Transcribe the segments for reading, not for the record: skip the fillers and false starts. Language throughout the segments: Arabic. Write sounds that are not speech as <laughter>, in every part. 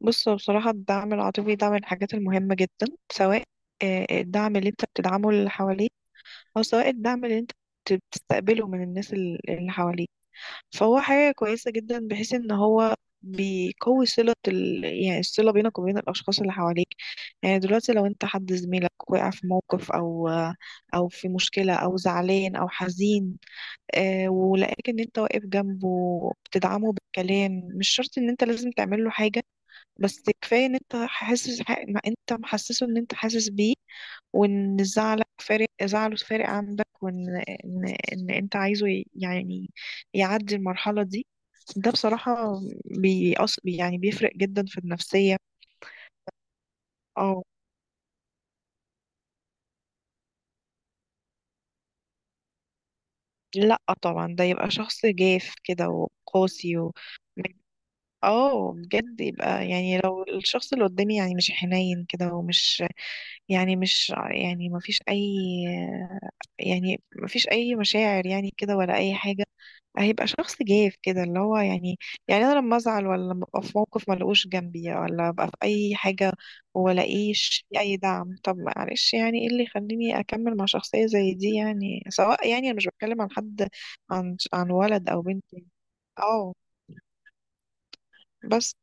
بص هو بصراحة الدعم العاطفي ده من الحاجات المهمة جدا. سواء الدعم اللي انت بتدعمه اللي حواليك، أو سواء الدعم اللي انت بتستقبله من الناس اللي حواليك، فهو حاجة كويسة جدا بحيث ان هو بيقوي صلة ال... يعني الصلة بينك وبين الأشخاص اللي حواليك. يعني دلوقتي لو انت حد زميلك وقع في موقف أو في مشكلة أو زعلان أو حزين، ولقاك ان انت واقف جنبه، بتدعمه بالكلام. مش شرط ان انت لازم تعمل له حاجة، بس كفايه ان انت حاسس، ما انت محسسه ان انت حاسس بيه، وان زعلك فارق، زعله فارق عندك، وان ان, إن انت عايزه يعدي المرحله دي. ده بصراحه بيأص، يعني بيفرق جدا في النفسيه. اه. لا طبعا، ده يبقى شخص جاف كده وقاسي اه بجد، يبقى يعني لو الشخص اللي قدامي يعني مش حنين كده، ومش يعني مش يعني ما فيش اي، يعني مفيش اي مشاعر يعني كده ولا اي حاجه، هيبقى شخص جاف كده اللي هو يعني، يعني انا لما ازعل ولا لما ابقى في موقف ملقوش جنبي ولا ابقى في اي حاجه ولاقيش اي دعم. طب معلش، يعني ايه اللي يخليني اكمل مع شخصيه زي دي؟ يعني سواء، يعني انا مش بتكلم عن حد، عن ولد او بنت يعني. اه. بس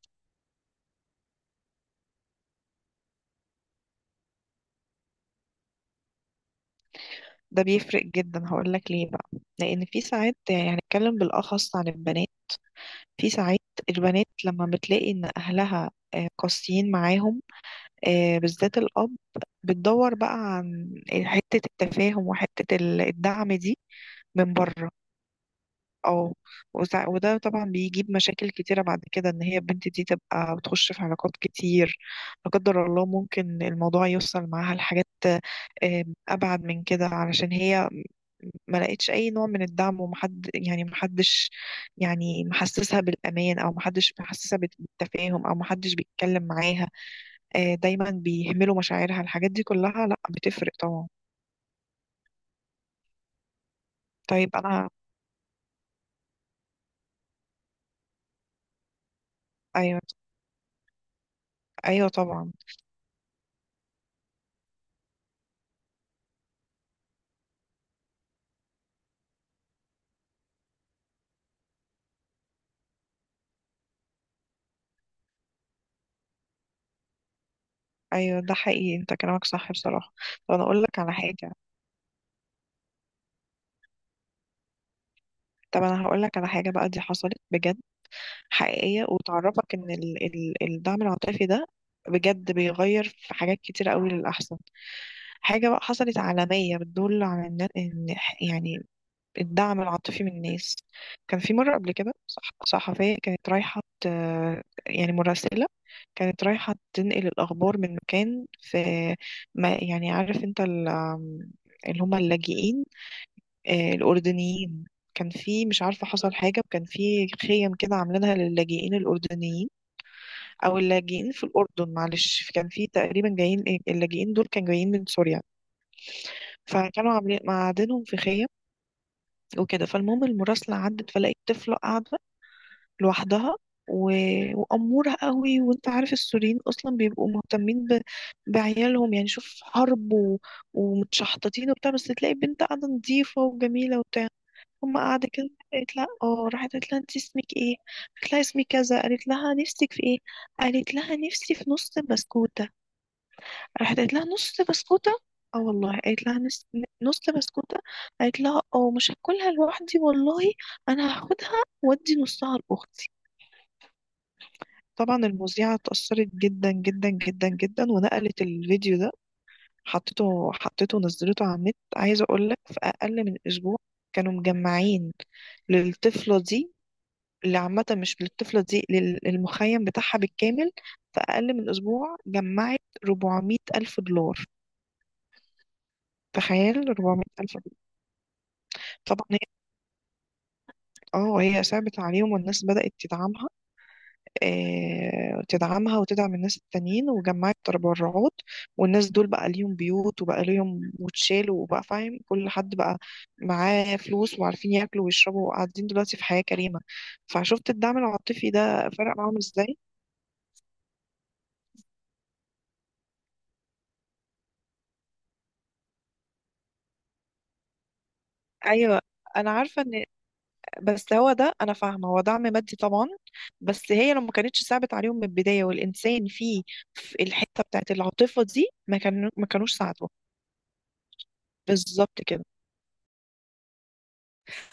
ده بيفرق جدا، هقول لك ليه بقى. لان في ساعات، يعني هنتكلم بالاخص عن البنات، في ساعات البنات لما بتلاقي ان اهلها قاسيين معاهم، بالذات الأب، بتدور بقى عن حتة التفاهم وحتة الدعم دي من بره. اه. وده طبعا بيجيب مشاكل كتيرة بعد كده، ان هي البنت دي تبقى بتخش في علاقات كتير. لا قدر الله، ممكن الموضوع يوصل معاها لحاجات آه، أبعد من كده، علشان هي ما لقيتش أي نوع من الدعم، ومحد، يعني محدش يعني محسسها بالأمان، أو محدش محسسها بالتفاهم، أو محدش بيتكلم معاها. دايما بيهملوا مشاعرها. الحاجات دي كلها لا، بتفرق طبعا. طيب انا. ايوه، ايوه، طبعا. ايوه ده حقيقي، انت كلامك صح بصراحه. طب انا اقول لك على حاجه طب انا هقول لك على حاجه بقى، دي حصلت بجد، حقيقيه، وتعرفك ان ال الدعم العاطفي ده بجد بيغير في حاجات كتير قوي للاحسن. حاجه بقى حصلت عالميه، بتدل على ان، يعني الدعم العاطفي من الناس. كان في مرة قبل كده صحفية كانت رايحة يعني مراسلة، كانت رايحة تنقل الأخبار من مكان في، ما يعني عارف انت اللي هم اللاجئين، الأردنيين. كان في، مش عارفة حصل حاجة، وكان في خيم كده عاملينها للاجئين الأردنيين، أو اللاجئين في الأردن. معلش، كان في تقريبا جايين، اللاجئين دول كانوا جايين من سوريا، فكانوا عاملين معادنهم في خيم وكده. فالمهم، المراسلة عدت فلقيت طفلة قاعدة لوحدها و... وأمورة قوي. وانت عارف السوريين أصلا بيبقوا مهتمين بعيالهم، يعني شوف حرب ومتشحططين وبتاع، بس تلاقي بنت قاعدة نظيفة وجميلة وبتاع، أما قاعدة كده. قالت لها، اه راحت قالت لها انت اسمك ايه، قالت لها اسمي كذا، قالت لها نفسك في ايه، قالت لها نفسي في نص بسكوتة. راحت قالت لها نص بسكوتة. اه والله، قالت لها نص بسكوتة. قالت لها اه مش هاكلها لوحدي والله، انا هاخدها وادي نصها الاخت. طبعا المذيعة اتأثرت جدا جدا جدا جدا، ونقلت الفيديو ده، حطيته ونزلته على النت. عايزة أقولك في أقل من أسبوع كانوا مجمعين للطفلة دي، اللي عامة مش للطفلة دي، للمخيم بتاعها بالكامل. في أقل من أسبوع جمعت 400 ألف دولار. تخيل، 400 ألف دولار. طبعا هي، اه هي صعبت عليهم، والناس بدأت تدعمها، تدعمها وتدعم الناس التانيين، وجمعت تبرعات، والناس دول بقى ليهم بيوت، وبقى ليهم وتشالوا، وبقى فاهم كل حد بقى معاه فلوس، وعارفين ياكلوا ويشربوا، وقاعدين دلوقتي في حياة كريمة. فشفت الدعم العاطفي ده فرق معاهم ازاي. ايوه. انا عارفه ان، بس هو ده انا فاهمه هو دعم مادي طبعا، بس هي لو ما كانتش صعبت عليهم من البدايه، والانسان فيه في الحته بتاعت العاطفه دي، ما كانوش ساعدوه. بالظبط كده.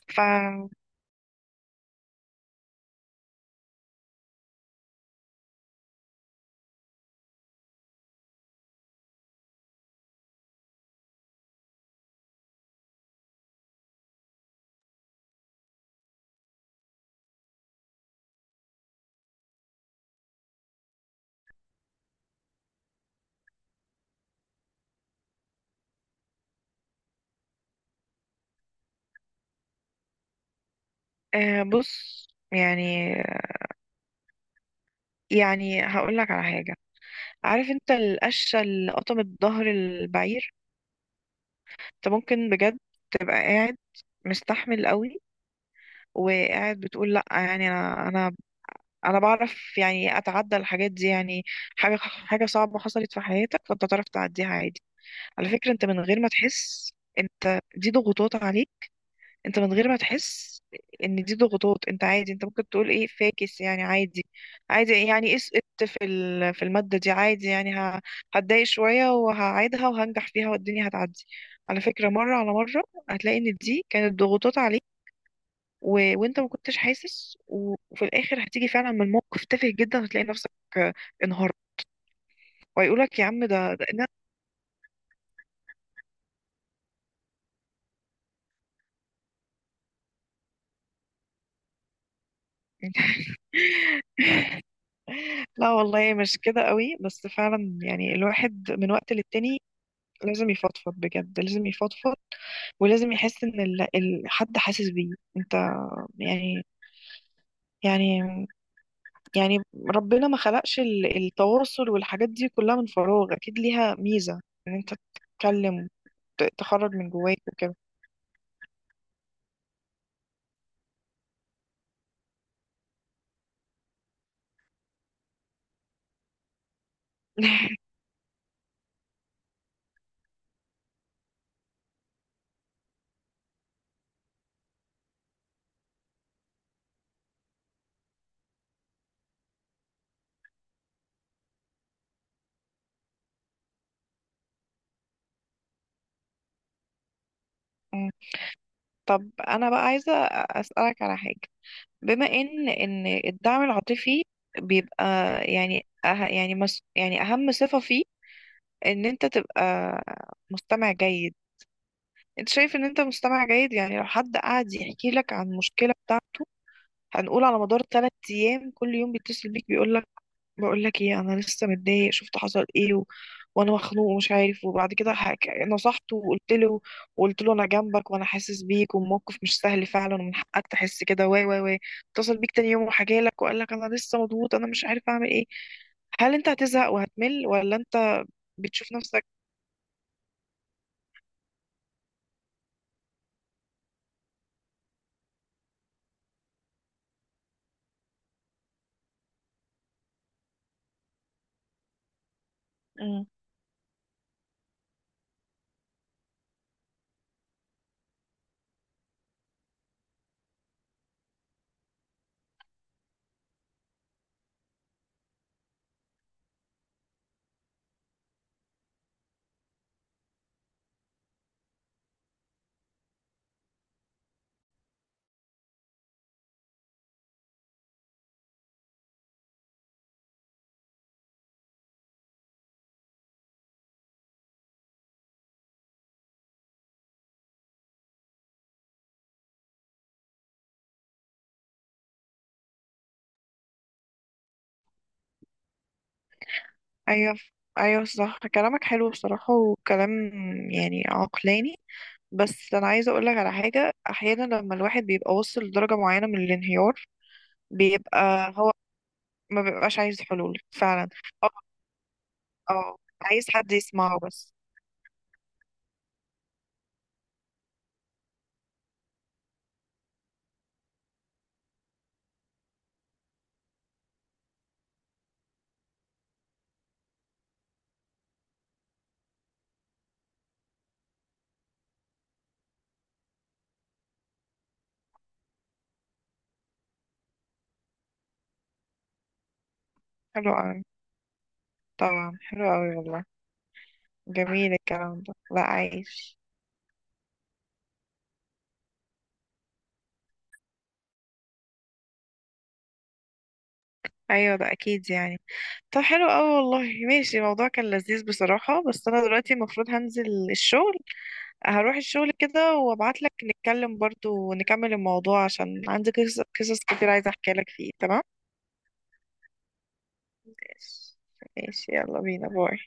ف آه بص يعني، يعني هقول لك على حاجة. عارف انت القشة اللي قطمت ظهر البعير؟ انت ممكن بجد تبقى قاعد مستحمل قوي، وقاعد بتقول لا يعني، انا بعرف يعني اتعدى الحاجات دي، يعني حاجة صعبة حصلت في حياتك، فانت تعرف تعديها عادي. على فكرة انت من غير ما تحس، انت دي ضغوطات عليك، انت من غير ما تحس ان دي ضغوطات، انت عادي، انت ممكن تقول ايه فاكس يعني، عادي، عادي يعني اسقطت في المادة دي عادي، يعني هتضايق شوية وهعيدها وهنجح فيها والدنيا هتعدي. على فكرة مرة على مرة هتلاقي ان دي كانت ضغوطات عليك، و... وانت ما كنتش حاسس، وفي الاخر هتيجي فعلا من موقف تافه جدا، هتلاقي نفسك آه، انهارت. ويقولك يا عم <laughs> لا والله مش كده قوي، بس فعلا يعني الواحد من وقت للتاني لازم يفضفض بجد، لازم يفضفض، ولازم يحس ان حد حاسس بيه. انت يعني، يعني يعني ربنا ما خلقش التواصل والحاجات دي كلها من فراغ، اكيد ليها ميزة ان انت تتكلم، تخرج من جواك وكده. <laughs> مم. طب انا بقى عايزة اسألك على حاجة. بما ان ان الدعم العاطفي بيبقى، يعني يعني مس يعني اهم صفة فيه ان انت تبقى مستمع جيد. انت شايف ان انت مستمع جيد؟ يعني لو حد قعد يحكي لك عن المشكله بتاعته، هنقول على مدار ثلاث ايام كل يوم بيتصل بيك بيقول لك، بقول لك ايه انا لسه متضايق، شفت حصل ايه وانا مخنوق ومش عارف، وبعد كده نصحته وقلت له انا جنبك وانا حاسس بيك، والموقف مش سهل فعلا، ومن حقك تحس كده، واي واي واي. اتصل بيك تاني يوم وحكى لك وقال لك انا لسه مضغوط، انا مش عارف اعمل ايه. هل انت هتزهق وهتمل، ولا انت بتشوف نفسك؟ ايوه، ايوه صح، كلامك حلو بصراحة، وكلام يعني عقلاني. بس انا عايزة اقولك على حاجة، احيانا لما الواحد بيبقى وصل لدرجة معينة من الانهيار، بيبقى هو ما بيبقاش عايز حلول فعلا. اه، اه، عايز حد يسمعه بس. حلو اوي. طبعا حلو اوي والله، جميل الكلام ده، لا عايش. ايوه ده اكيد يعني. طب حلو اوي والله، ماشي. الموضوع كان لذيذ بصراحة، بس انا دلوقتي المفروض هنزل الشغل، هروح الشغل كده، وابعت لك نتكلم برضو ونكمل الموضوع، عشان عندي قصص كتير عايزة احكي لك فيه. تمام، ماشي. ماشي، يلا بينا، باي.